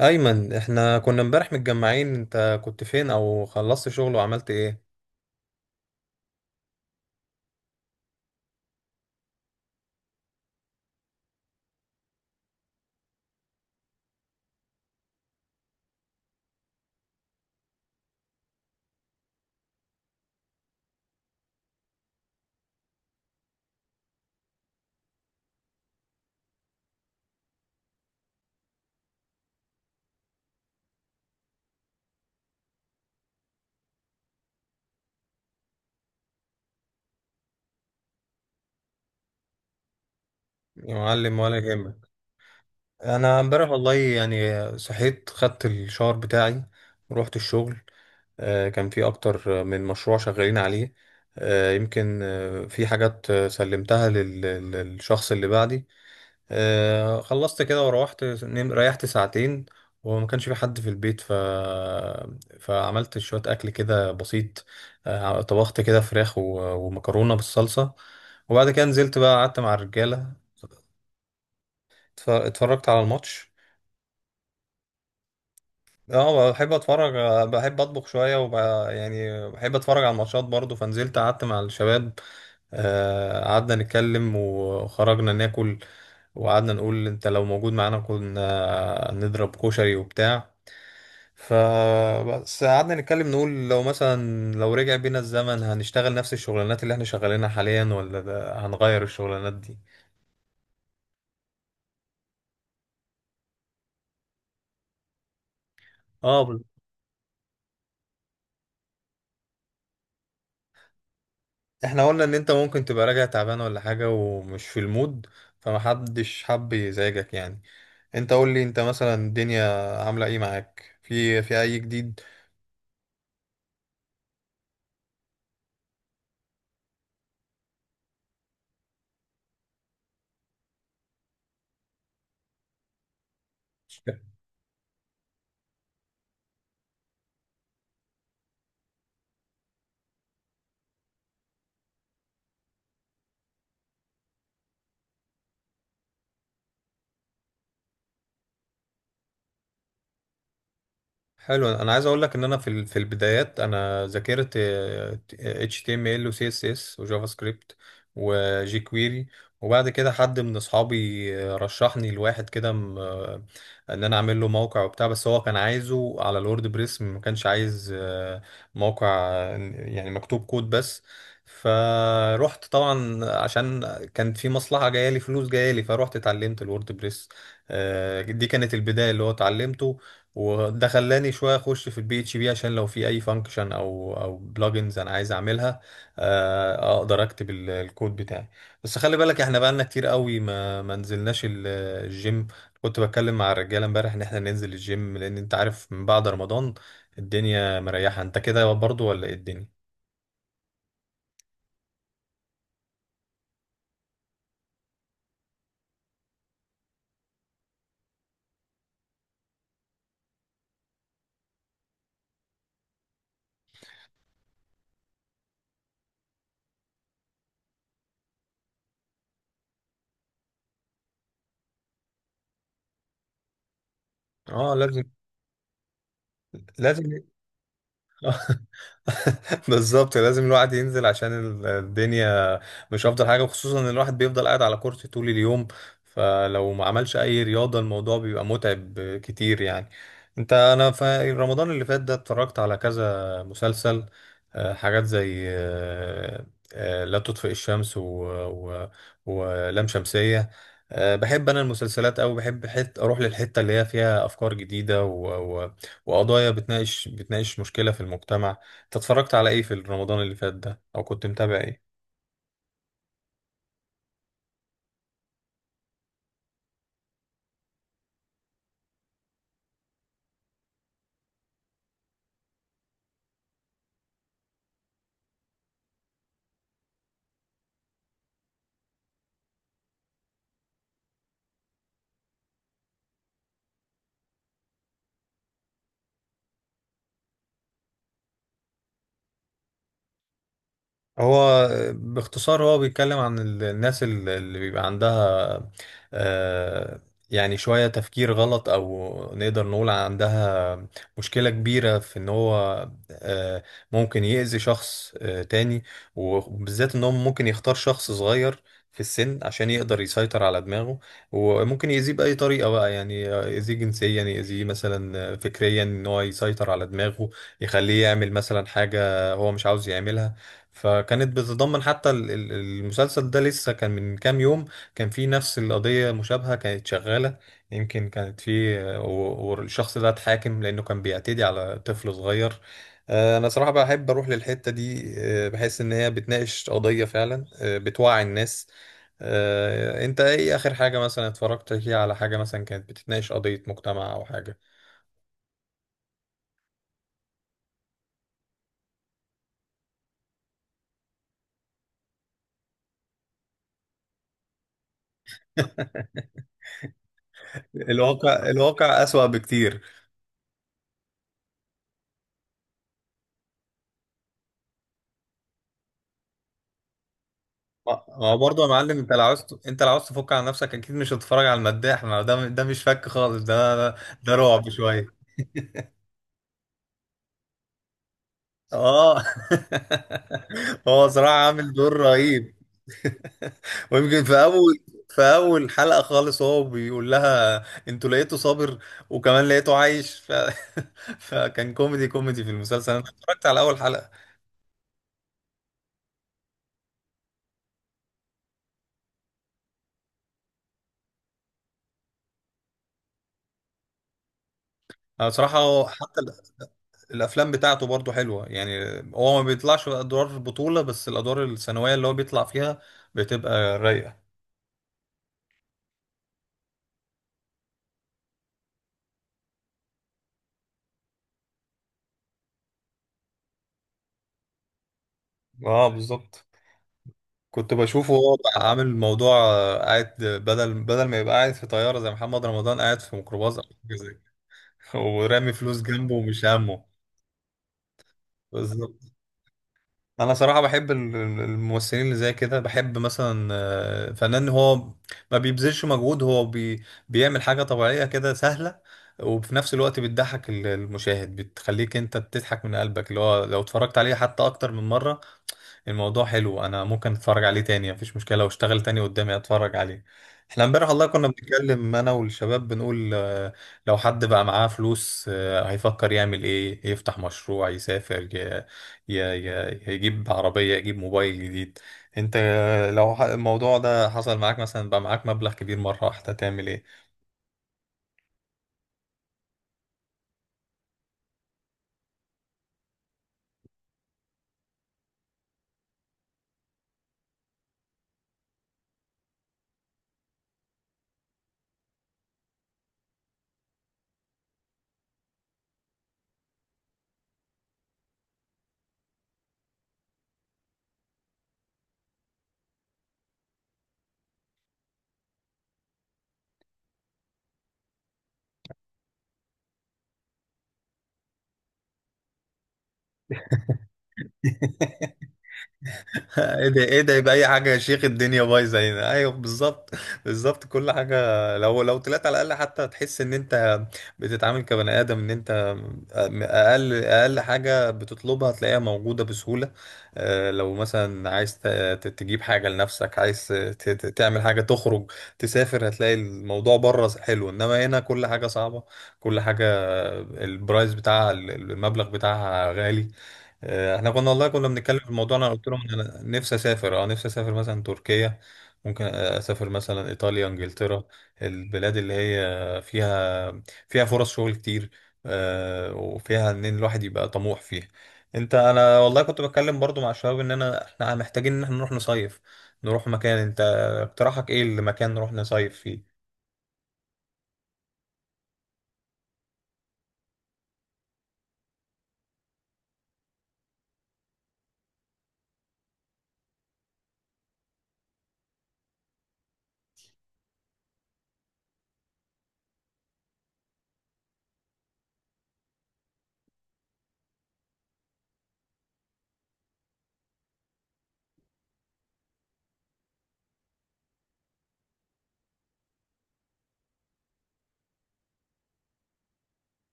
ايمن، احنا كنا امبارح متجمعين، انت كنت فين او خلصت شغل وعملت ايه؟ يا معلم ولا يهمك. انا امبارح والله يعني صحيت، خدت الشاور بتاعي ورحت الشغل. كان في اكتر من مشروع شغالين عليه. يمكن في حاجات للشخص اللي بعدي. خلصت كده وروحت ريحت ساعتين، وما كانش في حد في البيت فعملت شوية أكل كده بسيط. طبخت كده فراخ ومكرونة بالصلصة، وبعد كده نزلت بقى قعدت مع الرجالة، اتفرجت على الماتش. اه، بحب اتفرج، بحب اطبخ شوية يعني بحب اتفرج على الماتشات برضو. فنزلت قعدت مع الشباب، قعدنا نتكلم وخرجنا ناكل، وقعدنا نقول انت لو موجود معانا كنا نضرب كشري وبتاع. فبس قعدنا نتكلم، نقول لو مثلا لو رجع بينا الزمن هنشتغل نفس الشغلانات اللي احنا شغالينها حاليا، ولا هنغير الشغلانات دي. اه بال- احنا قلنا ان انت ممكن تبقى راجع تعبان ولا حاجة ومش في المود، فمحدش حب يزعجك يعني. انت قول لي انت مثلا الدنيا عاملة ايه معاك، في اي جديد؟ حلو. انا عايز اقول لك ان انا في البدايات انا ذاكرت HTML و CSS و جافا سكريبت وجي كويري. وبعد كده حد من اصحابي رشحني لواحد كده ان انا اعمل له موقع وبتاع، بس هو كان عايزه على الورد بريس، ما كانش عايز موقع يعني مكتوب كود بس. فروحت طبعا عشان كان في مصلحة جاية لي، فلوس جاية لي، فروحت اتعلمت الورد بريس. دي كانت البداية اللي هو اتعلمته. وده خلاني شويه اخش في البي اتش بي، عشان لو في اي فانكشن او بلجنز انا عايز اعملها، اقدر اكتب الكود بتاعي. بس خلي بالك احنا بقالنا كتير قوي ما نزلناش الجيم. كنت بتكلم مع الرجاله امبارح ان احنا ننزل الجيم، لان انت عارف من بعد رمضان الدنيا مريحه. انت كده برضو ولا ايه الدنيا؟ اه لازم، لازم. بالظبط، لازم الواحد ينزل، عشان الدنيا مش افضل حاجه، وخصوصا ان الواحد بيفضل قاعد على كرسي طول اليوم، فلو ما عملش اي رياضه الموضوع بيبقى متعب كتير يعني. انت، انا في رمضان اللي فات ده اتفرجت على كذا مسلسل، حاجات زي لا تطفئ الشمس و... ولام شمسيه. بحب انا المسلسلات أوي، بحب اروح للحته اللي هي فيها افكار جديده و... وقضايا بتناقش، بتناقش مشكله في المجتمع. انت اتفرجت على ايه في رمضان اللي فات ده، او كنت متابع ايه؟ هو باختصار هو بيتكلم عن الناس اللي بيبقى عندها آه، يعني شوية تفكير غلط، أو نقدر نقول عندها مشكلة كبيرة، في إن هو آه، ممكن يأذي شخص تاني. وبالذات إن هو ممكن يختار شخص صغير في السن، عشان يقدر يسيطر على دماغه، وممكن يأذيه بأي طريقة بقى، يعني يأذيه جنسيا، يأذيه مثلا فكريا، إن هو يسيطر على دماغه، يخليه يعمل مثلا حاجة هو مش عاوز يعملها. فكانت بتتضمن حتى المسلسل ده لسه كان من كام يوم، كان في نفس القضية مشابهة كانت شغالة، يمكن كانت في والشخص ده اتحاكم لأنه كان بيعتدي على طفل صغير. أنا صراحة بحب أروح للحتة دي، بحس إن هي بتناقش قضية فعلا، بتوعي الناس. أنت إيه آخر حاجة مثلا اتفرجت فيها على حاجة مثلا كانت بتتناقش قضية مجتمع أو حاجة؟ الواقع، الواقع أسوأ بكتير. ما برضه يا معلم، انت لو عاوز، انت لو عاوز تفك عن نفسك اكيد مش هتتفرج على المداح، ما ده ده مش فك خالص، ده رعب شويه. اه. هو صراحه عامل دور رهيب. ويمكن في اول، في اول حلقه خالص هو بيقول لها انتوا لقيته صابر، وكمان لقيته عايش فكان كوميدي، كوميدي في المسلسل. انا اتفرجت على اول حلقه. انا بصراحه حتى الافلام بتاعته برضو حلوه يعني. هو ما بيطلعش ادوار بطوله، بس الادوار الثانويه اللي هو بيطلع فيها بتبقى رايقه. اه بالظبط. كنت بشوفه هو بقى عامل موضوع، قاعد بدل ما يبقى قاعد في طياره زي محمد رمضان، قاعد في ميكروباص او حاجه زي كده، ورامي فلوس جنبه ومش همه. بالظبط. انا صراحه بحب الممثلين اللي زي كده. بحب مثلا فنان هو ما بيبذلش مجهود، هو بي بيعمل حاجه طبيعيه كده سهله، وفي نفس الوقت بتضحك المشاهد، بتخليك انت بتضحك من قلبك، اللي هو لو اتفرجت عليه حتى اكتر من مره الموضوع حلو، انا ممكن اتفرج عليه تاني مفيش مشكله، لو اشتغل تاني قدامي اتفرج عليه. احنا امبارح والله كنا بنتكلم انا والشباب، بنقول لو حد بقى معاه فلوس هيفكر يعمل ايه، يفتح مشروع، يسافر، يجيب عربيه، يجيب موبايل جديد. انت لو الموضوع ده حصل معاك مثلا، بقى معاك مبلغ كبير مره واحده، تعمل ايه؟ ايه ده، ايه ده؟ يبقى اي حاجه يا شيخ، الدنيا بايظه هنا. ايوه بالظبط، بالظبط كل حاجه. لو طلعت على الاقل حتى هتحس ان انت بتتعامل كبني ادم، ان انت اقل، اقل حاجه بتطلبها هتلاقيها موجوده بسهوله. لو مثلا عايز تجيب حاجه لنفسك، عايز تعمل حاجه، تخرج، تسافر، هتلاقي الموضوع بره حلو. انما هنا كل حاجه صعبه، كل حاجه البرايس بتاعها المبلغ بتاعها غالي. احنا كنا والله كنا بنتكلم في الموضوع، انا قلت لهم إن انا نفسي اسافر، اه نفسي اسافر مثلا تركيا، ممكن اسافر مثلا ايطاليا، انجلترا، البلاد اللي هي فيها، فيها فرص شغل كتير، وفيها ان الواحد يبقى طموح فيها. انت، انا والله كنت بتكلم برضو مع الشباب ان انا، احنا محتاجين ان احنا نروح نصيف، نروح مكان. انت اقتراحك ايه المكان نروح نصيف فيه؟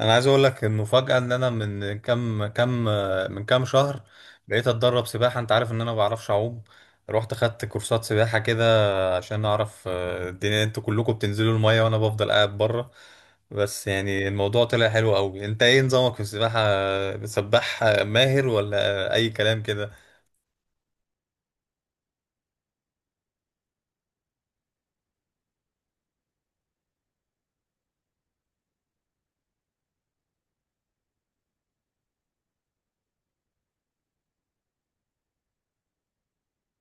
انا عايز اقول لك انه فجأة ان انا من كام، من كام شهر بقيت اتدرب سباحة. انت عارف ان انا ما بعرفش اعوم، رحت خدت كورسات سباحة كده عشان اعرف الدنيا، انتوا كلكم بتنزلوا المية وانا بفضل قاعد بره. بس يعني الموضوع طلع حلو قوي. انت ايه نظامك في السباحة، سباح ماهر ولا اي كلام كده؟